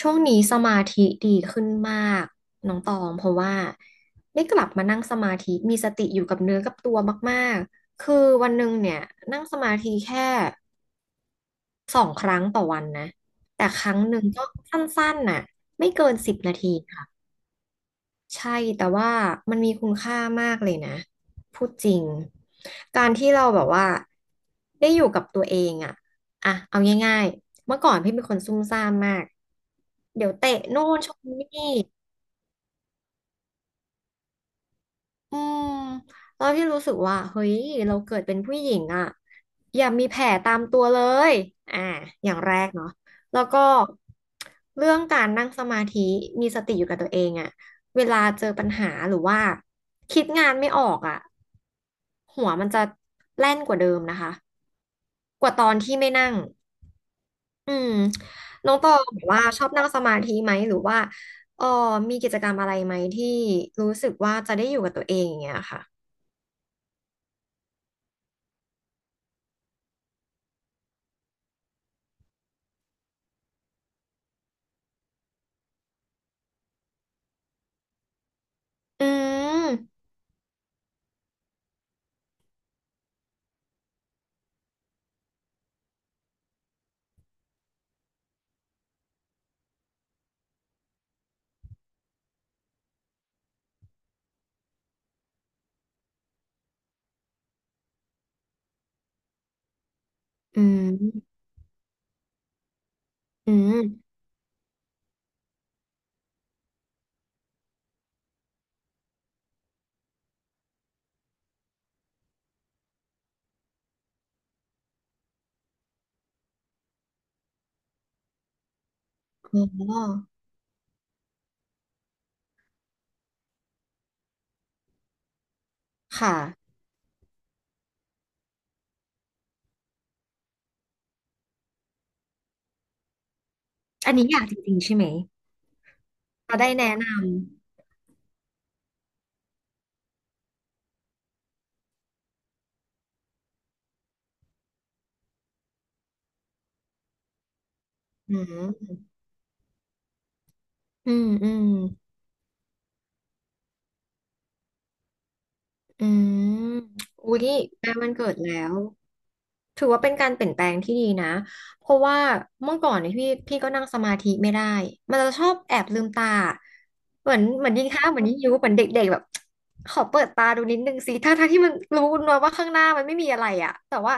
ช่วงนี้สมาธิดีขึ้นมากน้องตองเพราะว่าได้กลับมานั่งสมาธิมีสติอยู่กับเนื้อกับตัวมากๆคือวันหนึ่งเนี่ยนั่งสมาธิแค่2 ครั้งต่อวันนะแต่ครั้งหนึ่งก็สั้นๆน่ะไม่เกินสิบนาทีค่ะ ใช่แต่ว่ามันมีคุณค่ามากเลยนะพูดจริงการที่เราแบบว่าได้อยู่กับตัวเองอะอะเอาง่ายๆเมื่อก่อนพี่เป็นคนซุ่มซ่ามมากเดี๋ยวเตะโน่นชมนี่ อืมตอนที่รู้สึกว่าเฮ้ยเราเกิดเป็นผู้หญิงอ่ะอย่ามีแผลตามตัวเลยอ่าอย่างแรกเนาะแล้วก็เรื่องการนั่งสมาธิมีสติอยู่กับตัวเองอ่ะเวลาเจอปัญหาหรือว่าคิดงานไม่ออกอ่ะหัวมันจะแล่นกว่าเดิมนะคะกว่าตอนที่ไม่นั่งอืมน้องตองแบบว่าชอบนั่งสมาธิไหมหรือว่าเออมีกิจกรรมอะไรไหมที่รู้สึกว่าจะได้อยู่กับตัวเองอย่างเงี้ยค่ะ อืม อืม อืมอ๋อค่ะ อันนี้อยากจริงๆใช่ไหมเราได้แนะนำ อืม อืม อืมอืมอุ๊ยใกล้วันเกิดแล้วถือว่าเป็นการเปลี่ยนแปลงที่ดีนะ เพราะว่าเมื่อก่อนเนี่ยพี่ก็นั่งสมาธิไม่ได้ มันจะชอบแอบลืมตา เหมือนยิงข้าวเหมือนยิงยุเหมือนเด็กๆแบบขอเปิดตาดูนิดนึงสิถ้าทางที่มันรู้นะว่าข้างหน้ามันไม่มีอะไรอะแต่ว่า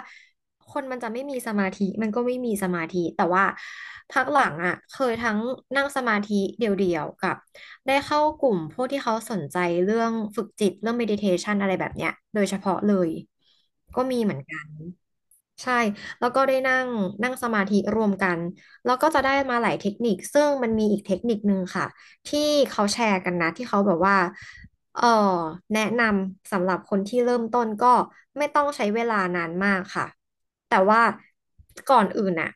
คนมันจะไม่มีสมาธิมันก็ไม่มีสมาธิแต่ว่าพักหลังอะเคยทั้งนั่งสมาธิเดี่ยวๆกับได้เข้ากลุ่มพวกที่เขาสนใจเรื่องฝึกจิตเรื่อง meditation อะไรแบบเนี้ยโดยเฉพาะเลยก็มีเหมือนกัน ใช่แล้วก็ได้นั่งนั่งสมาธิรวมกันแล้วก็จะได้มาหลายเทคนิคซึ่งมันมีอีกเทคนิคนึงค่ะที่เขาแชร์กันนะที่เขาแบบว่าเออแนะนำสำหรับคนที่เริ่มต้นก็ไม่ต้องใช้เวลานานมากค่ะแต่ว่าก่อนอื่นน่ะ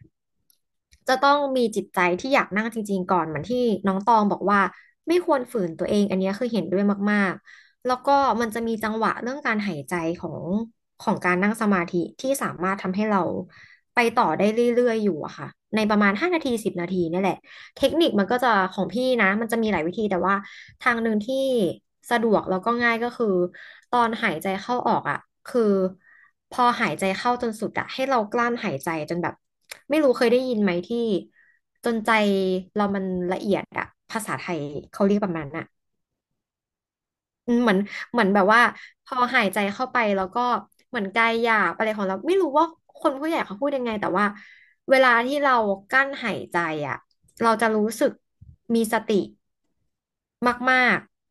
จะต้องมีจิตใจที่อยากนั่งจริงๆก่อนเหมือนที่น้องตองบอกว่าไม่ควรฝืนตัวเองอันเนี้ยคือเห็นด้วยมาก แล้วก็มันจะมีจังหวะเรื่องการหายใจของของการนั่งสมาธิที่สามารถทำให้เราไปต่อได้เรื่อยๆอยู่อะค่ะในประมาณ5 นาทีสิบนาทีนี่แหละเทคนิคมันก็จะของพี่นะมันจะมีหลายวิธีแต่ว่าทางหนึ่งที่สะดวกแล้วก็ง่ายก็คือตอนหายใจเข้าออกอะคือพอหายใจเข้าจนสุดอะให้เรากลั้นหายใจจนแบบไม่รู้เคยได้ยินไหมที่จนใจเรามันละเอียดอะภาษาไทยเขาเรียกประมาณน่ะ อืมเหมือนเหมือนแบบว่าพอหายใจเข้าไปแล้วก็เหมือนกายหยาบอะไรของเราไม่รู้ว่าคนผู้ใหญ่เขาพูดยังไงแต่ว่าเวลาที่เรากั้นหายใจอ่ะเราจะรู้สึกมีสติมากๆ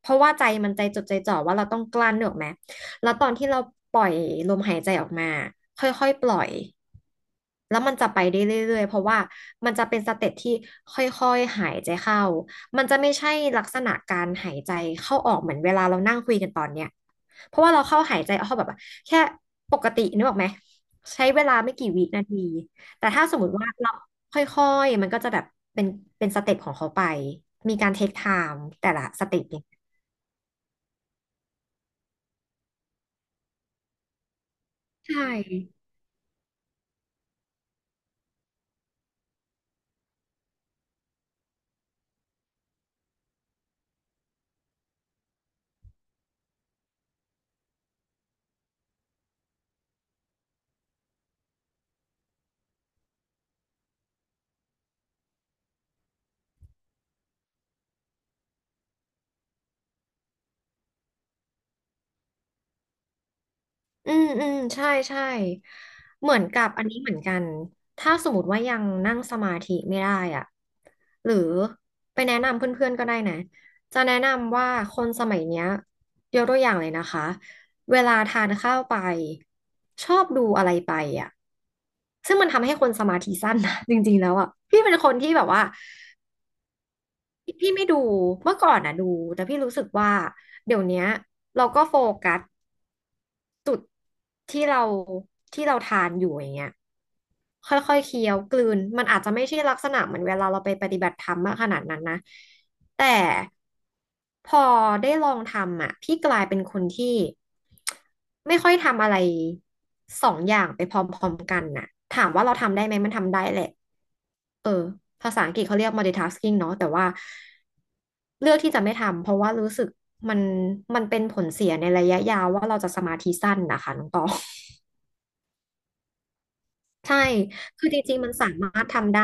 เพราะว่าใจมันใจจดใจจ่อว่าเราต้องกลั้นเนึกออกไหมแล้วตอนที่เราปล่อยลมหายใจออกมาค่อยๆปล่อยแล้วมันจะไปได้เรื่อยๆเพราะว่ามันจะเป็นสเต็ปที่ค่อยๆหายใจเข้ามันจะไม่ใช่ลักษณะการหายใจเข้าออกเหมือนเวลาเรานั่งคุยกันตอนเนี้ยเพราะว่าเราเข้าหายใจเข้าแบบว่าแค่ปกตินึกออกไหมใช้เวลาไม่กี่วินาทีแต่ถ้าสมมติว่าเราค่อยๆมันก็จะแบบเป็นเป็นสเต็ปของเขาไปมีการเทคไทม์แต่ละสเต็ป ใช่อืมอืมใช่ใช่เหมือนกับอันนี้เหมือนกันถ้าสมมติว่ายังนั่งสมาธิไม่ได้อ่ะหรือไปแนะนำเพื่อนๆก็ได้นะจะแนะนำว่าคนสมัยเนี้ยยกตัวอย่างเลยนะคะเวลาทานข้าวไปชอบดูอะไรไปอ่ะซึ่งมันทำให้คนสมาธิสั้นนะ จริงๆแล้วอ่ะพี่เป็นคนที่แบบว่าพี่ไม่ดูเมื่อก่อนอ่ะดูแต่พี่รู้สึกว่าเดี๋ยวเนี้ยเราก็โฟกัส จุดที่เราที่เราทานอยู่อย่างเงี้ยค่อยๆเคี้ยวกลืนมันอาจจะไม่ใช่ลักษณะเหมือนเวลาเราไปปฏิบัติธรรมมากขนาดนั้นนะแต่พอได้ลองทำอ่ะพี่กลายเป็นคนที่ไม่ค่อยทำอะไรสองอย่างไปพร้อมๆกันน่ะถามว่าเราทำได้ไหมมันทำได้แหละเออภาษาอังกฤษเขาเรียก multitasking เนาะแต่ว่าเลือกที่จะไม่ทำเพราะว่ารู้สึกมันมันเป็นผลเสียในระยะยาวว่าเราจะสมาธิสั้นนะคะน้องตอง ใช่คือจริงๆมันสามารถทำได้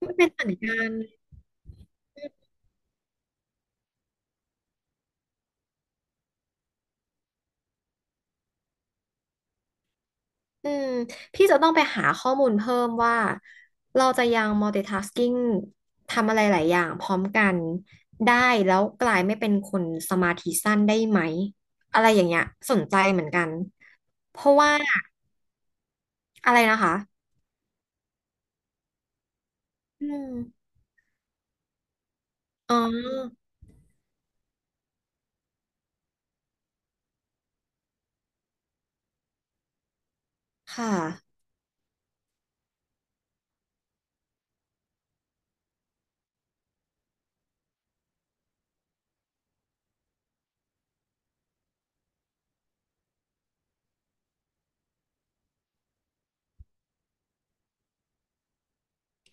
ไม่เป็นเหมือนกันอืมพี่จะต้องไปหาข้อมูลเพิ่มว่าเราจะยัง multitasking ทำอะไรหลายอย่างพร้อมกันได้แล้วกลายไม่เป็นคนสมาธิสั้นได้ไหมอะไรอย่างเงี้ยสนใจเหมือนกันเพราะว่าอะไรนะคะอืมอ๋อค่ะ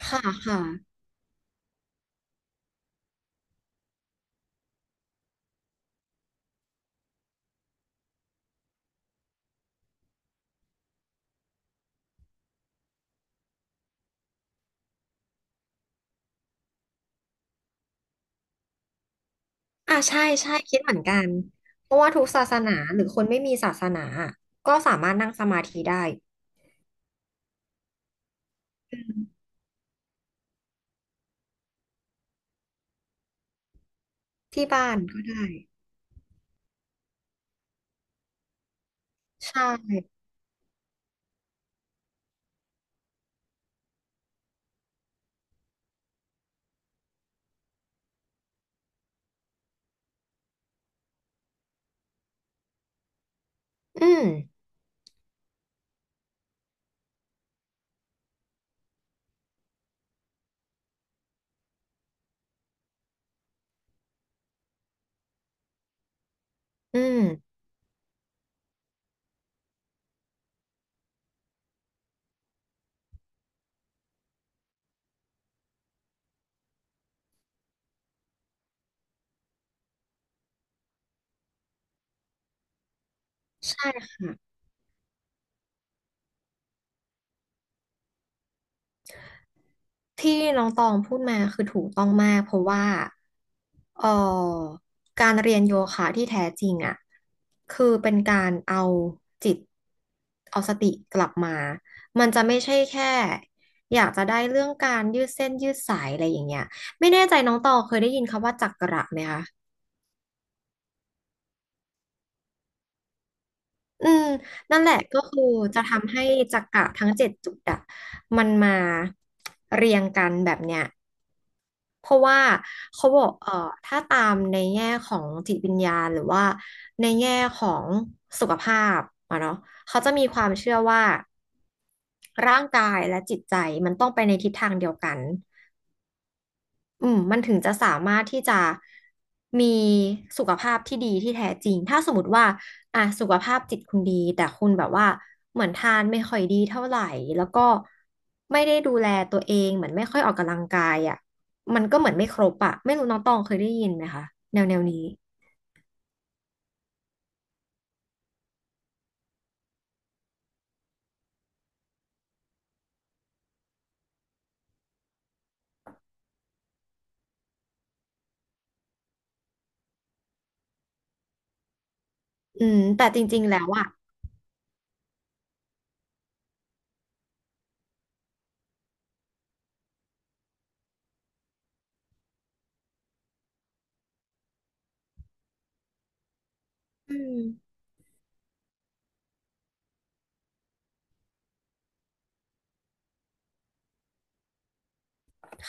ค่ะค่ะอ่าใช่ใช่คิดเหมือนกันเพราะว่าทุกศาสนาหรือคนไม่มีศาสนาก็สามารถนั่งสมาธิได้ อืมที่บ้านก็ได้ใช่ อืมอืมใช่ค่ะที่น้องตองพูดมาคือถูกต้องมากเพราะว่าเอ่อการเรียนโยคะที่แท้จริงอ่ะคือเป็นการเอาจิตเอาสติกลับมามันจะไม่ใช่แค่อยากจะได้เรื่องการยืดเส้นยืดสายอะไรอย่างเงี้ยไม่แน่ใจน้องตองเคยได้ยินคำว่าจักระไหมคะ อืมนั่นแหละก็คือจะทำให้จักระทั้งเจ็ดจุดอะมันมาเรียงกันแบบเนี้ยเพราะว่าเขาบอกถ้าตามในแง่ของจิตวิญญาณหรือว่าในแง่ของสุขภาพอะเนาะเขาจะมีความเชื่อว่าร่างกายและจิตใจมันต้องไปในทิศทางเดียวกัน อืมมันถึงจะสามารถที่จะมีสุขภาพที่ดีที่แท้จริง ถ้าสมมติว่าอ่ะสุขภาพจิตคุณดีแต่คุณแบบว่าเหมือนทานไม่ค่อยดีเท่าไหร่แล้วก็ไม่ได้ดูแลตัวเองเหมือนไม่ค่อยออกกำลังกายอ่ะมันก็เหมือนไม่ครบอ่ะไม่รู้น้องตองเคยได้ยินไหมคะแนวแนวนี้อืมแต่จริงๆแล้วอ่ะอืม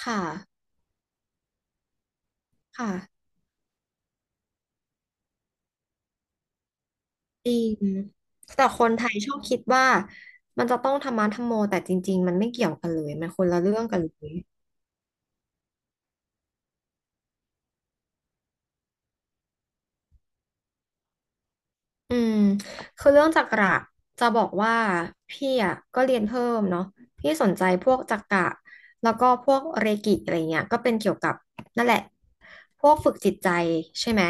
ค่ะค่ะจริงแต่คนไทยชอบคิดว่ามันจะต้องทำมาทำโมแต่จริงๆมันไม่เกี่ยวกันเลยมันคนละเรื่องกันเลย อืมคือเรื่องจักระจะบอกว่าพี่อ่ะก็เรียนเพิ่มเนาะพี่สนใจพวกจักระแล้วก็พวกเรกิอะไรเงี้ยก็เป็นเกี่ยวกับนั่นแหละพวกฝึกจิตใจใช่ไหม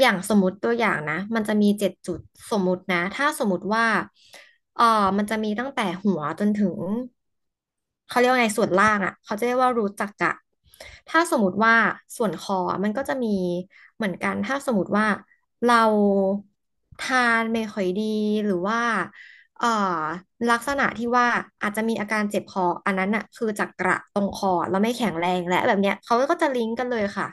อย่างสมมติตัวอย่างนะมันจะมีเจ็ดจุดสมมตินะถ้าสมมติว่าเออมันจะมีตั้งแต่หัวจนถึงเขาเรียกว่าไงส่วนล่างอ่ะเขาจะเรียกว่ารูทจักระถ้าสมมติว่าส่วนคอมันก็จะมีเหมือนกันถ้าสมมติว่า เราทานไม่ค่อยดีหรือว่า เอ่อลักษณะที่ว่าอาจจะมีอาการเจ็บคออันนั้นน่ะคือจากกระตรงคอแล้วไม่แข็งแรงและแบบเนี้ยเขาก็จะลิงก์กันเลยค่ะ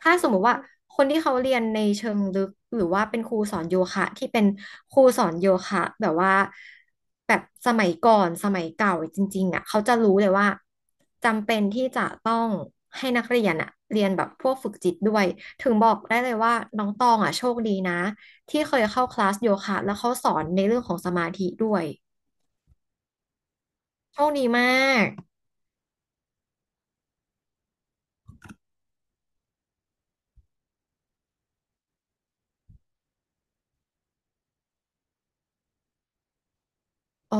ถ้าสมมุติว่าคนที่เขาเรียนในเชิงลึกหรือว่าเป็นครูสอนโยคะที่เป็นครูสอนโยคะแบบว่าแบบสมัยก่อนสมัยเก่าจริงๆอ่ะเขาจะรู้เลยว่าจำเป็นที่จะต้องให้นักเรียนอ่ะเรียนแบบพวกฝึกจิตด้วยถึงบอกได้เลยว่าน้องตองอ่ะโชคดีนะ ที่เคยเข้าคลาสโยคะแล้วเขาสอนในเรื่องของสมาธิด้วยโชคดีมาก อ๋อ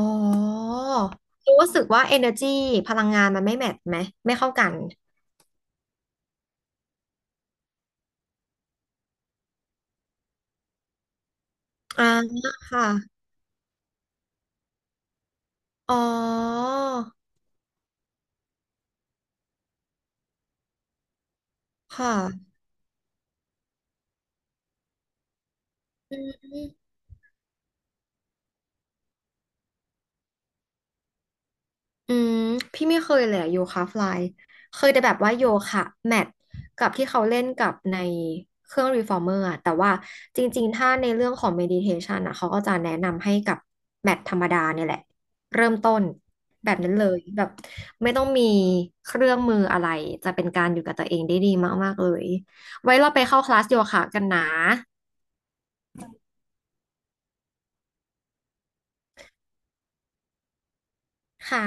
รู้สึกว่า energy พลังงานมันไม่แมทช์ไหมไม่เข้ากันอ่าค่ะอ๋อค่ะอืม อืมพี่ไม่เคยเลยอะโยคะฟลายเคยแต่แบบว่าโยคะแมทกับที่เขาเล่นกับในเครื่องรีฟอร์เมอร์อะแต่ว่าจริงๆถ้าในเรื่องของเมดิเทชันอะเขาก็จะแนะนำให้กับแมทธรรมดาเนี่ยแหละเริ่มต้นแบบนั้นเลยแบบไม่ต้องมีเครื่องมืออะไรจะเป็นการอยู่กับตัวเองได้ดีมากๆเลยไว้เราไปเข้าคลาสโยคะกันนะค่ะ